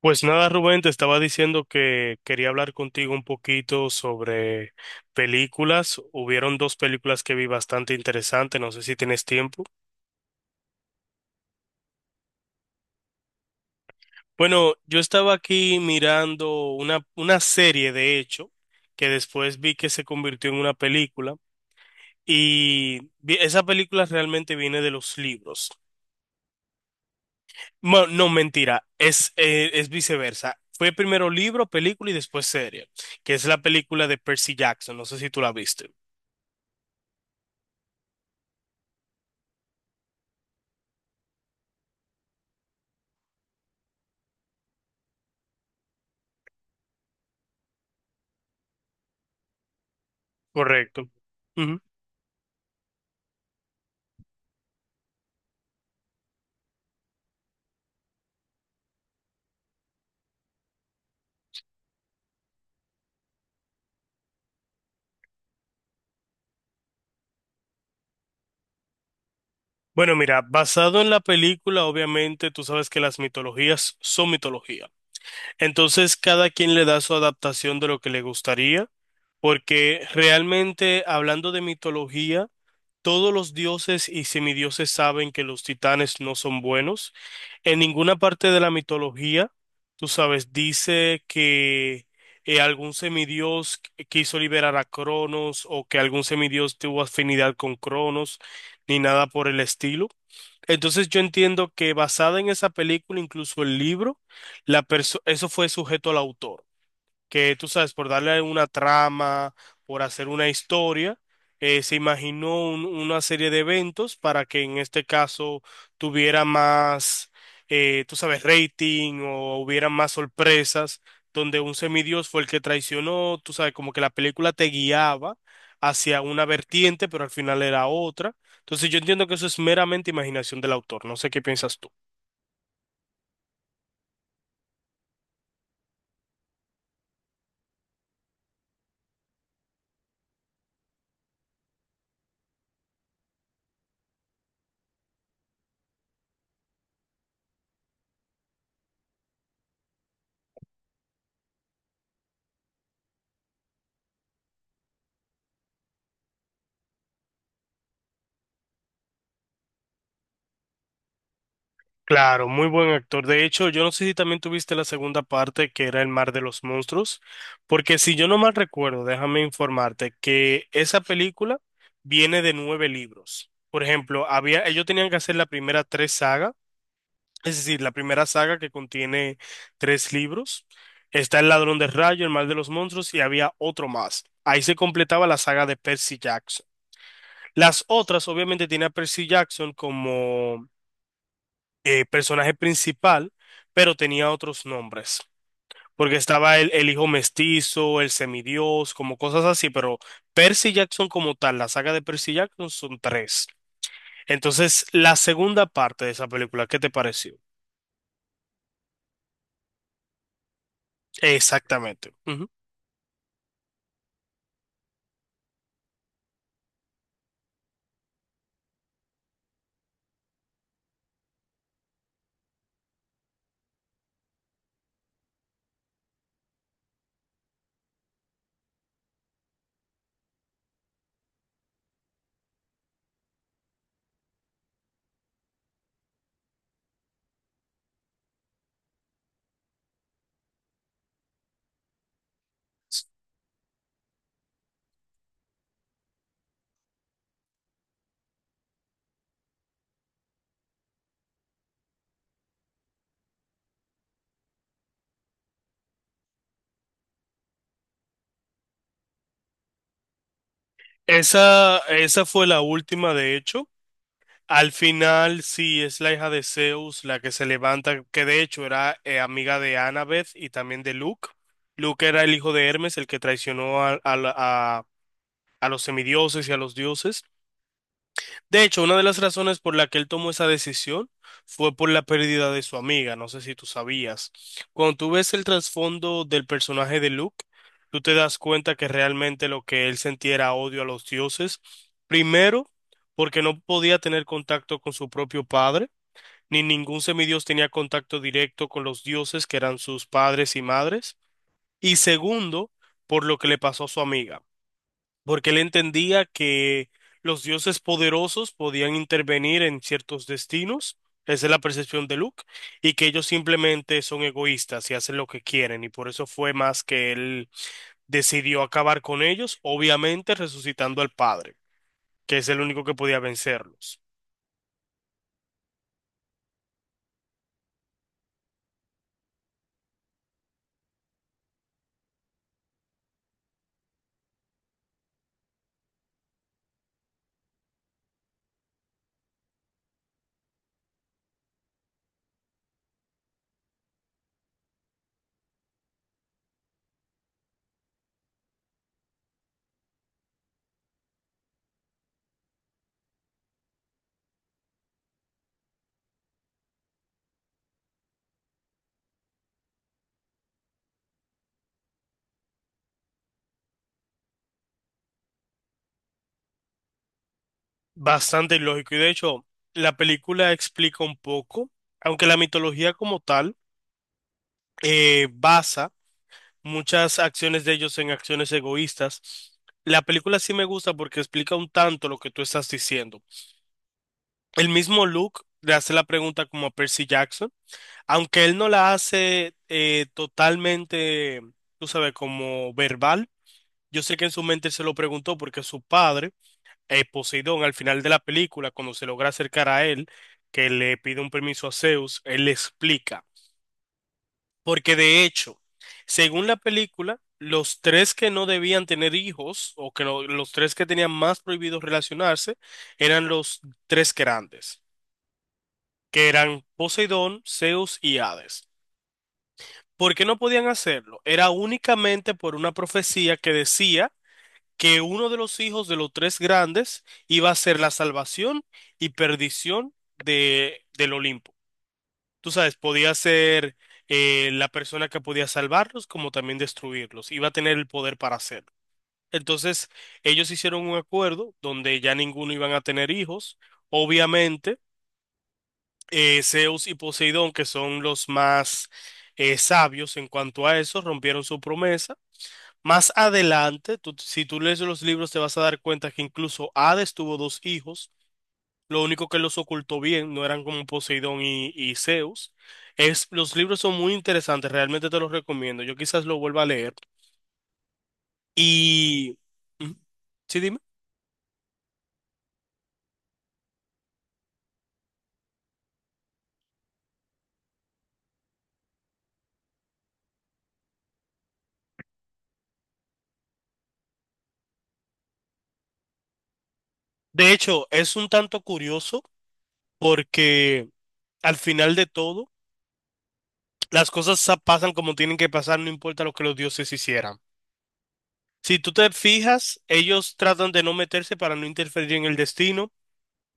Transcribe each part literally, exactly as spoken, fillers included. Pues nada, Rubén, te estaba diciendo que quería hablar contigo un poquito sobre películas. Hubieron dos películas que vi bastante interesantes, no sé si tienes tiempo. Bueno, yo estaba aquí mirando una, una serie, de hecho, que después vi que se convirtió en una película y vi- esa película realmente viene de los libros. Bueno, no, mentira, es, eh, es viceversa. Fue primero libro, película y después serie, que es la película de Percy Jackson, no sé si tú la viste. Correcto. Ujú. Bueno, mira, basado en la película, obviamente tú sabes que las mitologías son mitología. Entonces, cada quien le da su adaptación de lo que le gustaría, porque realmente hablando de mitología, todos los dioses y semidioses saben que los titanes no son buenos. En ninguna parte de la mitología, tú sabes, dice que eh, algún semidios qu- quiso liberar a Cronos o que algún semidios tuvo afinidad con Cronos, ni nada por el estilo. Entonces yo entiendo que basada en esa película, incluso el libro, la perso- eso fue sujeto al autor que tú sabes, por darle una trama, por hacer una historia, eh, se imaginó un- una serie de eventos para que en este caso tuviera más, eh, tú sabes, rating o hubiera más sorpresas, donde un semidios fue el que traicionó, tú sabes, como que la película te guiaba hacia una vertiente, pero al final era otra. Entonces yo entiendo que eso es meramente imaginación del autor, no sé qué piensas tú. Claro, muy buen actor. De hecho, yo no sé si también tuviste la segunda parte que era El Mar de los Monstruos, porque si yo no mal recuerdo, déjame informarte que esa película viene de nueve libros. Por ejemplo, había, ellos tenían que hacer la primera tres sagas, es decir, la primera saga que contiene tres libros. Está El Ladrón de Rayo, El Mar de los Monstruos y había otro más. Ahí se completaba la saga de Percy Jackson. Las otras, obviamente, tiene a Percy Jackson como eh, personaje principal, pero tenía otros nombres. Porque estaba el, el hijo mestizo, el semidios, como cosas así, pero Percy Jackson como tal, la saga de Percy Jackson son tres. Entonces, la segunda parte de esa película, ¿qué te pareció? Exactamente. Ujú. Esa, esa fue la última, de hecho. Al final, sí, es la hija de Zeus la que se levanta, que de hecho era eh, amiga de Annabeth y también de Luke. Luke era el hijo de Hermes, el que traicionó a, a, la- a a los semidioses y a los dioses. De hecho, una de las razones por la que él tomó esa decisión fue por la pérdida de su amiga, no sé si tú sabías. Cuando tú ves el trasfondo del personaje de Luke, tú te das cuenta que realmente lo que él sentía era odio a los dioses. Primero, porque no podía tener contacto con su propio padre, ni ningún semidios tenía contacto directo con los dioses que eran sus padres y madres. Y segundo, por lo que le pasó a su amiga porque él entendía que los dioses poderosos podían intervenir en ciertos destinos, esa es la percepción de Luke, y que ellos simplemente son egoístas y hacen lo que quieren, y por eso fue más que él decidió acabar con ellos, obviamente resucitando al padre, que es el único que podía vencerlos. Bastante ilógico, y de hecho, la película explica un poco, aunque la mitología como tal eh, basa muchas acciones de ellos en acciones egoístas. La película sí me gusta porque explica un tanto lo que tú estás diciendo. El mismo Luke le hace la pregunta como a Percy Jackson, aunque él no la hace eh, totalmente, tú sabes, como verbal. Yo sé que en su mente se lo preguntó porque su padre, eh, Poseidón, al final de la película, cuando se logra acercar a él, que le pide un permiso a Zeus, él le explica. Porque de hecho, según la película, los tres que no debían tener hijos o que no- los tres que tenían más prohibido relacionarse eran los tres grandes, que eran Poseidón, Zeus y Hades. ¿Por qué no podían hacerlo? Era únicamente por una profecía que decía que uno de los hijos de los tres grandes iba a ser la salvación y perdición de, del Olimpo. Tú sabes, podía ser eh, la persona que podía salvarlos como también destruirlos. Iba a tener el poder para hacerlo. Entonces, ellos hicieron un acuerdo donde ya ninguno iban a tener hijos. Obviamente, eh, Zeus y Poseidón, que son los más eh, sabios en cuanto a eso, rompieron su promesa. Más adelante, tú- si tú lees los libros, te vas a dar cuenta que incluso Hades tuvo dos hijos. Lo único que los ocultó bien, no eran como Poseidón y, y Zeus. Es, los libros son muy interesantes, realmente te los recomiendo. Yo quizás lo vuelva a leer. Y... Ujú. Sí, dime. De hecho, es un tanto curioso porque al final de todo, las cosas sa- pasan como tienen que pasar, no importa lo que los dioses hicieran. Si tú te fijas, ellos tratan de no meterse para no interferir en el destino.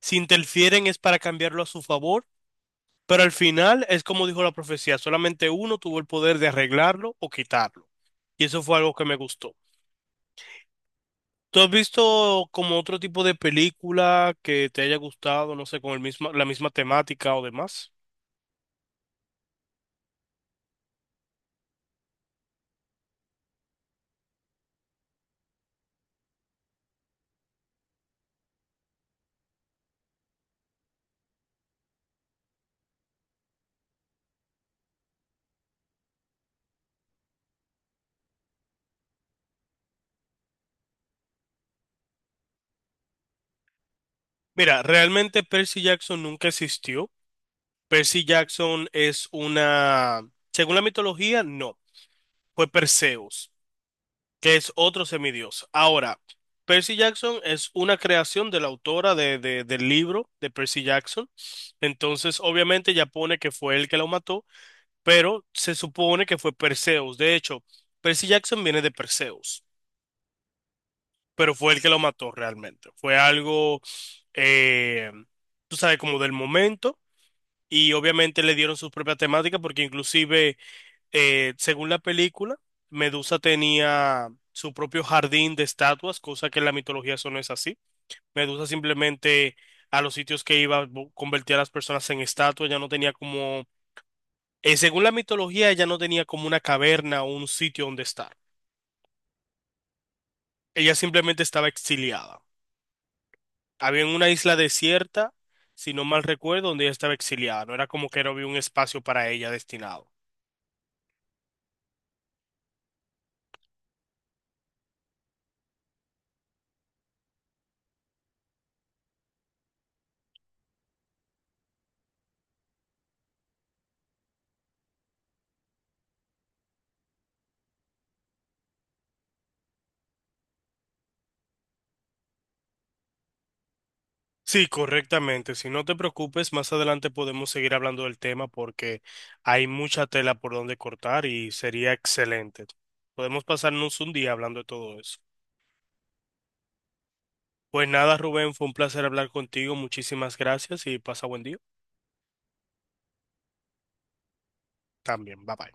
Si interfieren es para cambiarlo a su favor. Pero al final es como dijo la profecía, solamente uno tuvo el poder de arreglarlo o quitarlo. Y eso fue algo que me gustó. ¿Tú has visto como otro tipo de película que te haya gustado, no sé, con el misma, la misma temática o demás? Mira, realmente Percy Jackson nunca existió. Percy Jackson es una, según la mitología, no, fue Perseo. Que es otro semidios. Ahora, Percy Jackson es una creación de la autora de- de- del libro de Percy Jackson. Entonces, obviamente, ya pone que fue él que lo mató, pero se supone que fue Perseus. De hecho, Percy Jackson viene de Perseus, pero fue él que lo mató realmente. Fue algo, eh, tú sabes, como del momento. Y obviamente le dieron sus propias temáticas porque inclusive eh, según la película, Medusa tenía su propio jardín de estatuas, cosa que en la mitología eso no es así. Medusa simplemente a los sitios que iba bu- convertía a las personas en estatuas, ya no tenía como, eh, según la mitología, ella no tenía como una caverna o un sitio donde estar. Ella simplemente estaba exiliada. Había en una isla desierta, si no mal recuerdo, donde ella estaba exiliada. No era como que no había un espacio para ella destinado. Sí, correctamente. Si no te preocupes, más adelante podemos seguir hablando del tema porque hay mucha tela por donde cortar y sería excelente. Podemos pasarnos un día hablando de todo eso. Pues nada, Rubén, fue un placer hablar contigo. Muchísimas gracias y pasa buen día. También, bye bye.